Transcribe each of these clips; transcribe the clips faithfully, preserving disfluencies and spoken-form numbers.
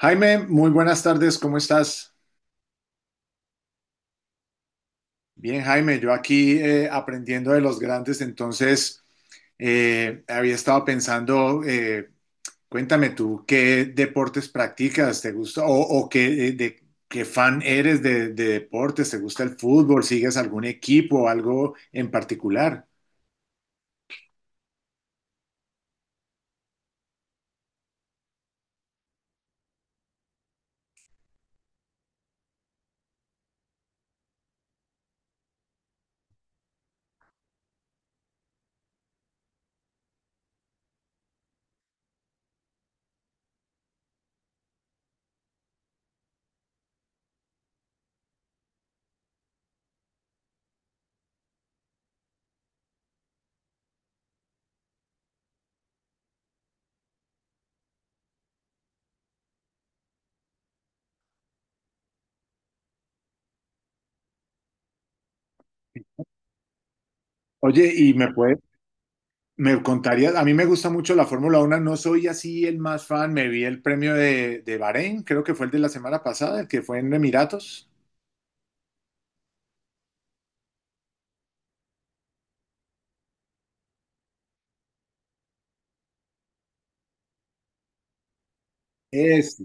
Jaime, muy buenas tardes, ¿cómo estás? Bien, Jaime, yo aquí eh, aprendiendo de los grandes, entonces eh, había estado pensando, eh, cuéntame tú, ¿qué deportes practicas? ¿Te gusta? ¿O, o qué, eh, de, ¿qué fan eres de, de deportes? ¿Te gusta el fútbol? ¿Sigues algún equipo o algo en particular? Oye, y me puede, me contarías, a mí me gusta mucho la Fórmula Uno. No soy así el más fan, me vi el premio de, de Bahrein, creo que fue el de la semana pasada, el que fue en Emiratos. Este,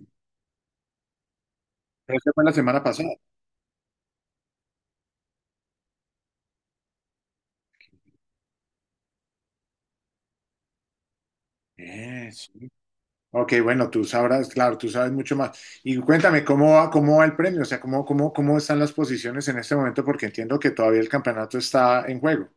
ese fue la semana pasada. Eh, sí. Ok, bueno, tú sabrás, claro, tú sabes mucho más. Y cuéntame, ¿cómo va, ¿cómo va el premio? O sea, ¿cómo, cómo, ¿cómo están las posiciones en este momento? Porque entiendo que todavía el campeonato está en juego.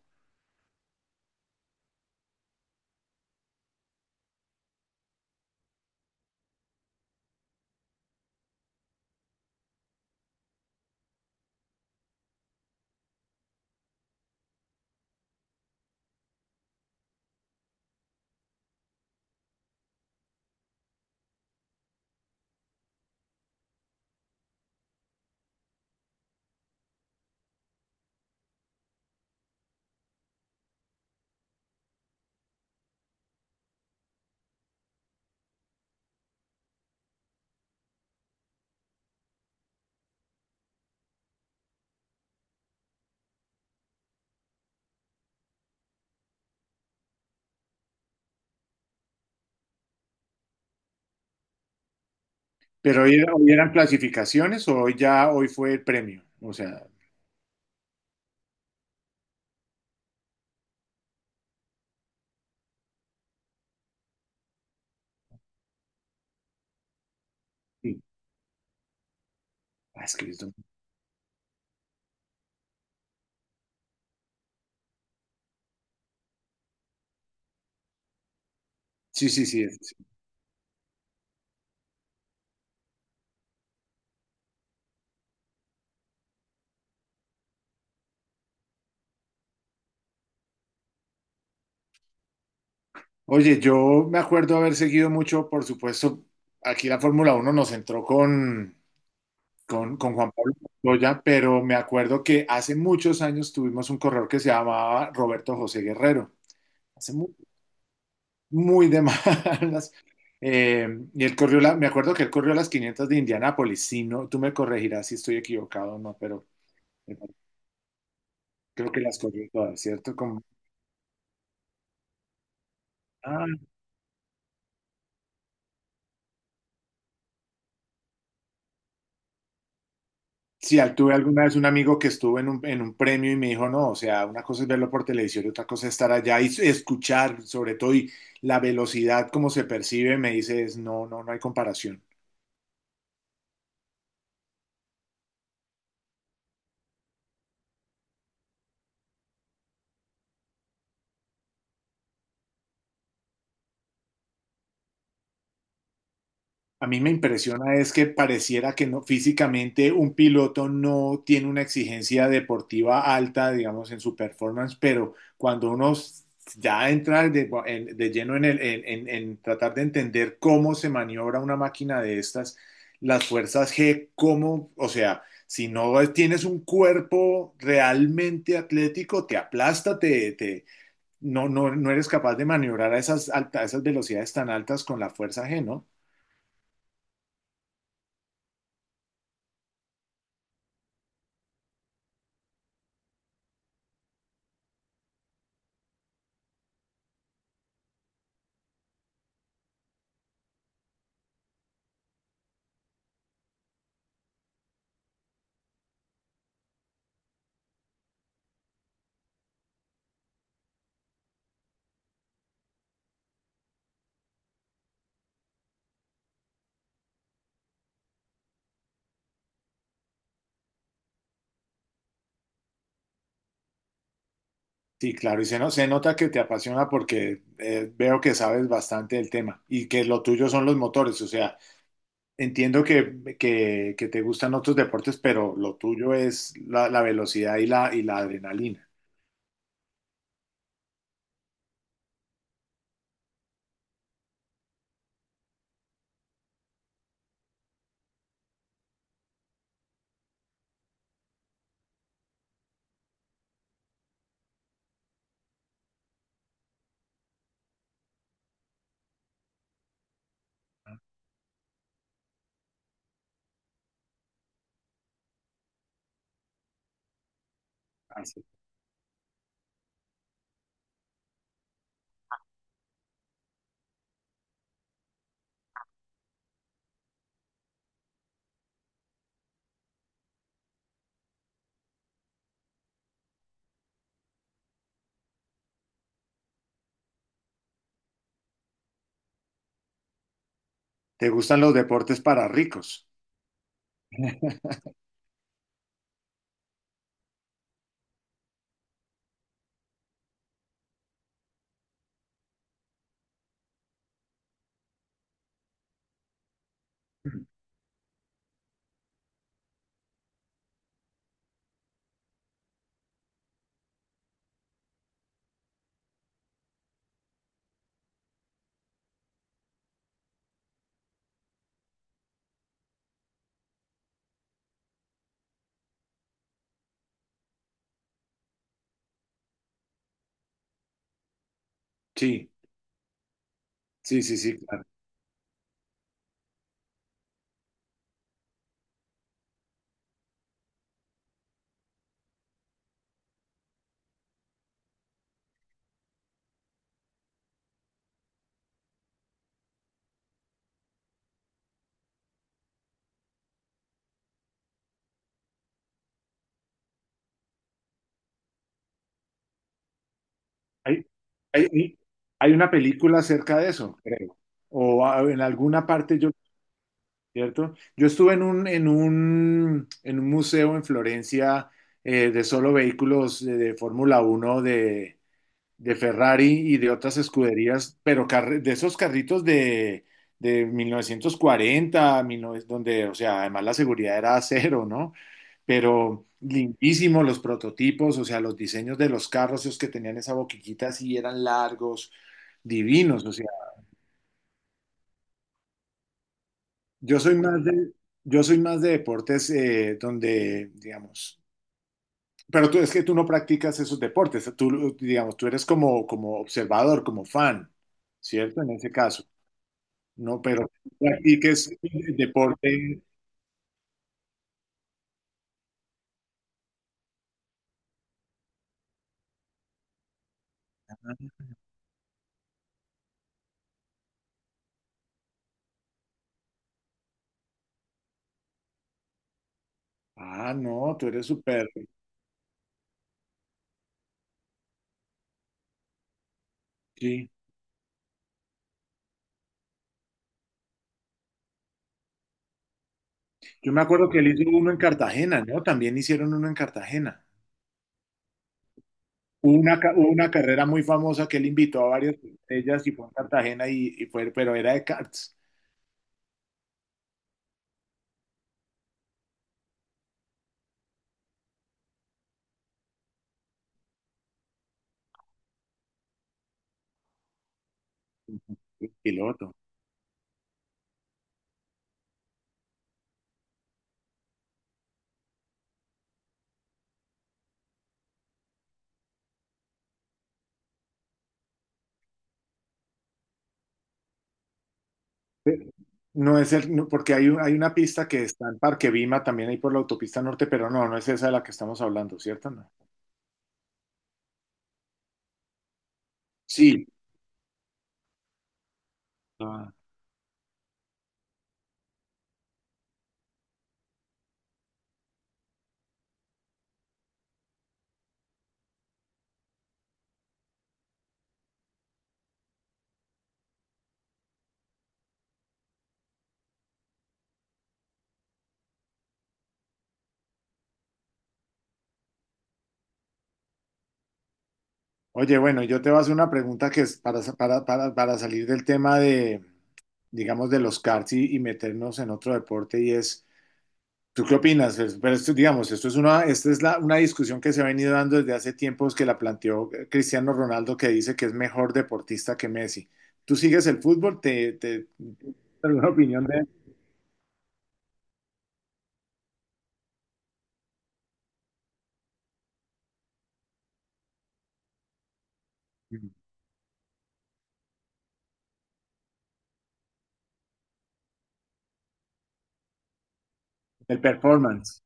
Pero hoy, hoy eran clasificaciones o hoy ya, hoy fue el premio. O sea, sí. Ah, es que es domingo. Sí, sí, sí, es- sí. Oye, yo me acuerdo haber seguido mucho, por supuesto, aquí la Fórmula uno nos entró con... con, con Juan Pablo Montoya, pero me acuerdo que hace muchos años tuvimos un corredor que se llamaba Roberto José Guerrero, hace muy, muy de malas. Eh, y él corrió, la- me acuerdo que él corrió las quinientas de Indianápolis. Si no, tú me corregirás si estoy equivocado o no, pero me parece- creo que las corrió todas, ¿cierto? Como, ah, sí. Al- tuve alguna vez un amigo que estuvo en un, en un premio y me dijo, no, o sea, una cosa es verlo por televisión y otra cosa es estar allá y escuchar, sobre todo, y la velocidad como se percibe, me dice, es, no, no, no hay comparación. A mí me impresiona es que pareciera que no, físicamente un piloto no tiene una exigencia deportiva alta, digamos, en su performance, pero cuando uno s- ya entra de, en- de lleno en, el, en, en- en tratar de entender cómo se maniobra una máquina de estas, las fuerzas G, cómo, o sea, si no tienes un cuerpo realmente atlético, te aplasta, te, te- no, no, no eres capaz de maniobrar a esas, alta- a esas velocidades tan altas con la fuerza G, ¿no? Sí, claro, y se, no- se nota que te apasiona porque eh, veo que sabes bastante del tema y que lo tuyo son los motores, o sea, entiendo que, que- que te gustan otros deportes, pero lo tuyo es la, la velocidad y la, y la adrenalina. Así. Te gustan los deportes para ricos. Sí, sí, sí, sí, claro. Hay, hay, hay una película acerca de eso, creo, o ah, en alguna parte yo ¿cierto? Yo estuve en un, en un, en un museo en Florencia eh, de solo vehículos eh, de Fórmula Uno de, de Ferrari y de otras escuderías, pero carr- de esos carritos de, de mil novecientos cuarenta, diecinueve donde, o sea, además la seguridad era cero, ¿no? Pero lindísimo los prototipos, o sea, los diseños de los carros, esos que tenían esa boquillita así eran largos, divinos, o Yo soy más de, yo soy más de deportes eh, donde, digamos, pero tú es que tú no practicas esos deportes, tú, digamos, tú eres como, como observador, como fan, ¿cierto? En ese caso, no, pero practiques deporte. Ah, no, tú eres súper. Sí. Yo me acuerdo que él hizo uno en Cartagena, ¿no? También hicieron uno en Cartagena. Hubo Una, ca- hubo una carrera muy famosa que él invitó a varias de ellas y fue en Cartagena y, y fue, pero era de karts, el piloto. No es el, no, porque hay, un- hay una pista que está en Parque Vima, también ahí por la autopista norte, pero no, no es esa de la que estamos hablando, ¿cierto? No. Sí. Ah, oye, bueno, yo te voy a hacer una pregunta que es para, para, para, para salir del tema de, digamos, de los karts y, y meternos en otro deporte y es, ¿tú qué opinas? Pues, pero esto, digamos, esto es una, esta es la, una discusión que se ha venido dando desde hace tiempos que la planteó eh, Cristiano Ronaldo, que dice que es mejor deportista que Messi. ¿Tú sigues el fútbol? ¿Te, te, te- ¿alguna opinión de, del performance?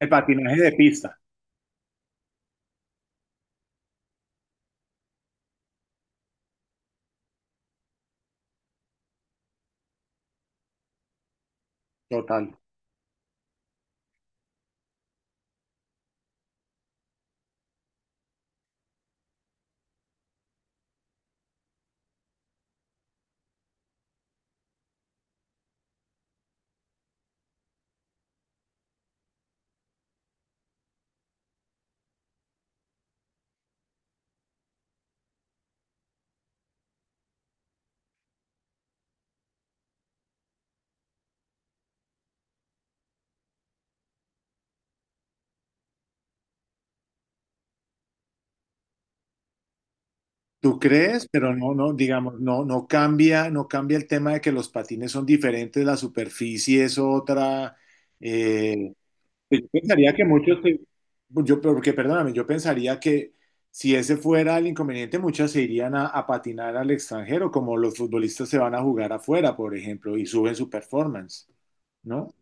El patinaje de pista, total. ¿Tú crees? Pero no, no, digamos, no, no cambia, no cambia el tema de que los patines son diferentes, la superficie es otra. Eh, pues, yo pensaría que muchos, se- yo, porque perdóname, yo pensaría que si ese fuera el inconveniente, muchas se irían a, a patinar al extranjero, como los futbolistas se van a jugar afuera, por ejemplo, y suben su performance, ¿no?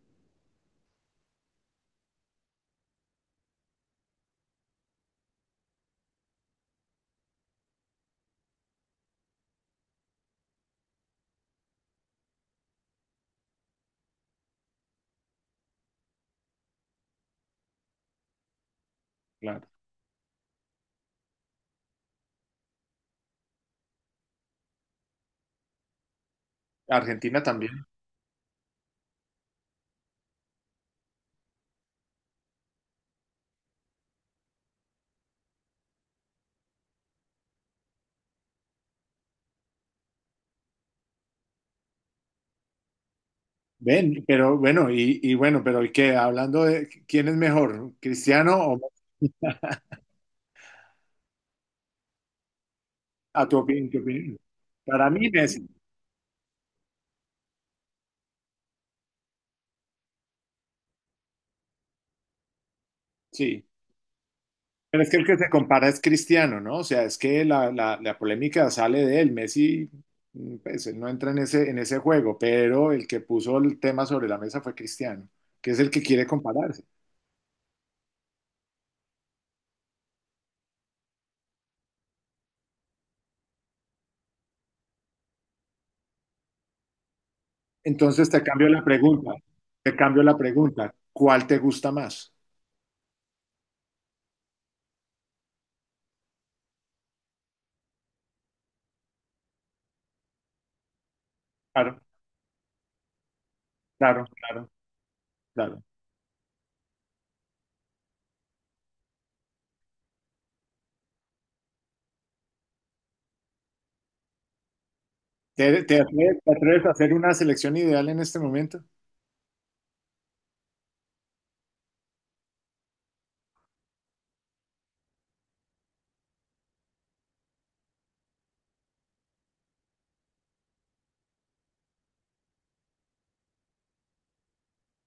Claro. Argentina también. Ven, pero bueno, y, y bueno, pero ¿y qué? Hablando de quién es mejor, Cristiano o a tu opinión, tu opinión. Para mí Messi, sí. Pero es que el que se compara es Cristiano, ¿no? O sea, es que la, la, la polémica sale de él. Messi, mm, pues, él no entra en ese, en ese juego, pero el que puso el tema sobre la mesa fue Cristiano, que es el que quiere compararse. Entonces te cambio la pregunta, te cambio la pregunta, ¿cuál te gusta más? Claro, claro, claro, claro. ¿Te, te atreves, ¿te atreves a hacer una selección ideal en este momento?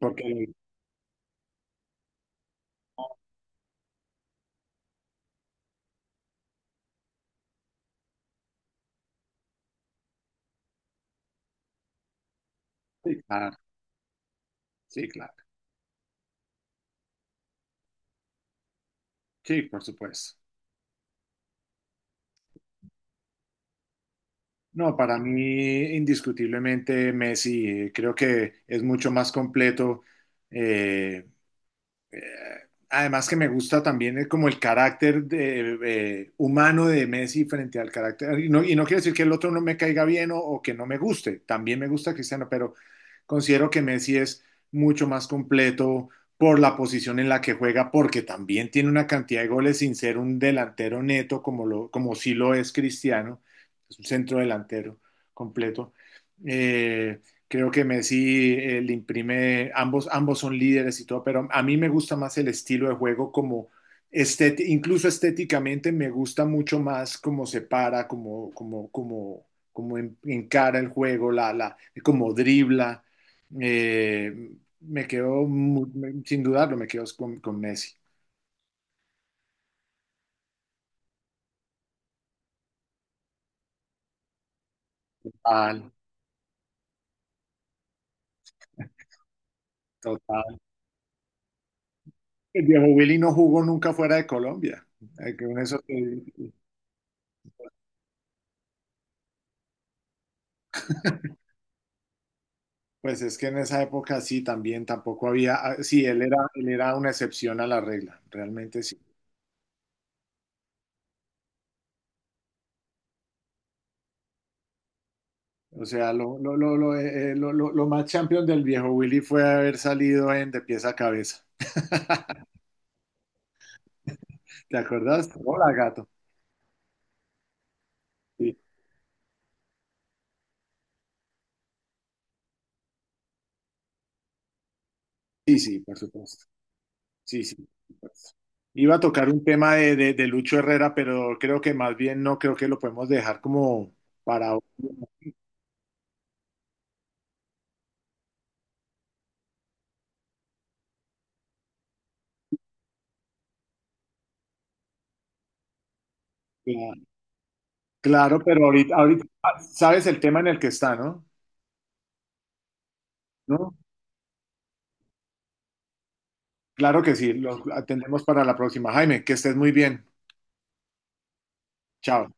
Porque sí, claro, sí, claro, sí, por supuesto. No, para mí indiscutiblemente Messi. Eh, creo que es mucho más completo, eh, eh, además que me gusta también eh, como el carácter de, eh, humano de Messi frente al carácter, y no, y no quiere decir que el otro no me caiga bien o, o que no me guste, también me gusta Cristiano, pero considero que Messi es mucho más completo por la posición en la que juega, porque también tiene una cantidad de goles sin ser un delantero neto como, lo, como sí lo es Cristiano, es un centro delantero completo. Eh, Creo que Messi eh, le imprime, ambos, ambos son líderes y todo, pero a mí me gusta más el estilo de juego como estéti- incluso estéticamente me gusta mucho más cómo se para, como como como como en- encara el juego, la, la, como dribla. Eh, me quedo, mu- me- sin dudarlo, me quedo con, con Messi. Total, total. El viejo Willy no jugó nunca fuera de Colombia. Eh, que Con eso te- Pues es que en esa época sí, también tampoco había, ah, sí, él era, él era una excepción a la regla, realmente sí. O sea, lo, lo, lo, lo, eh, eh, lo- lo- lo más champion del viejo Willy fue haber salido en de pies a cabeza. ¿Te acordás? Hola, gato. Sí, sí, sí, por supuesto. Sí, sí, por supuesto. Iba a tocar un tema de, de, de Lucho Herrera, pero creo que más bien no creo que lo podemos dejar como para... otro. Claro, pero ahorita, ahorita sabes el tema en el que está, ¿no? No, claro que sí, los atendemos para la próxima. Jaime, que estés muy bien. Chao.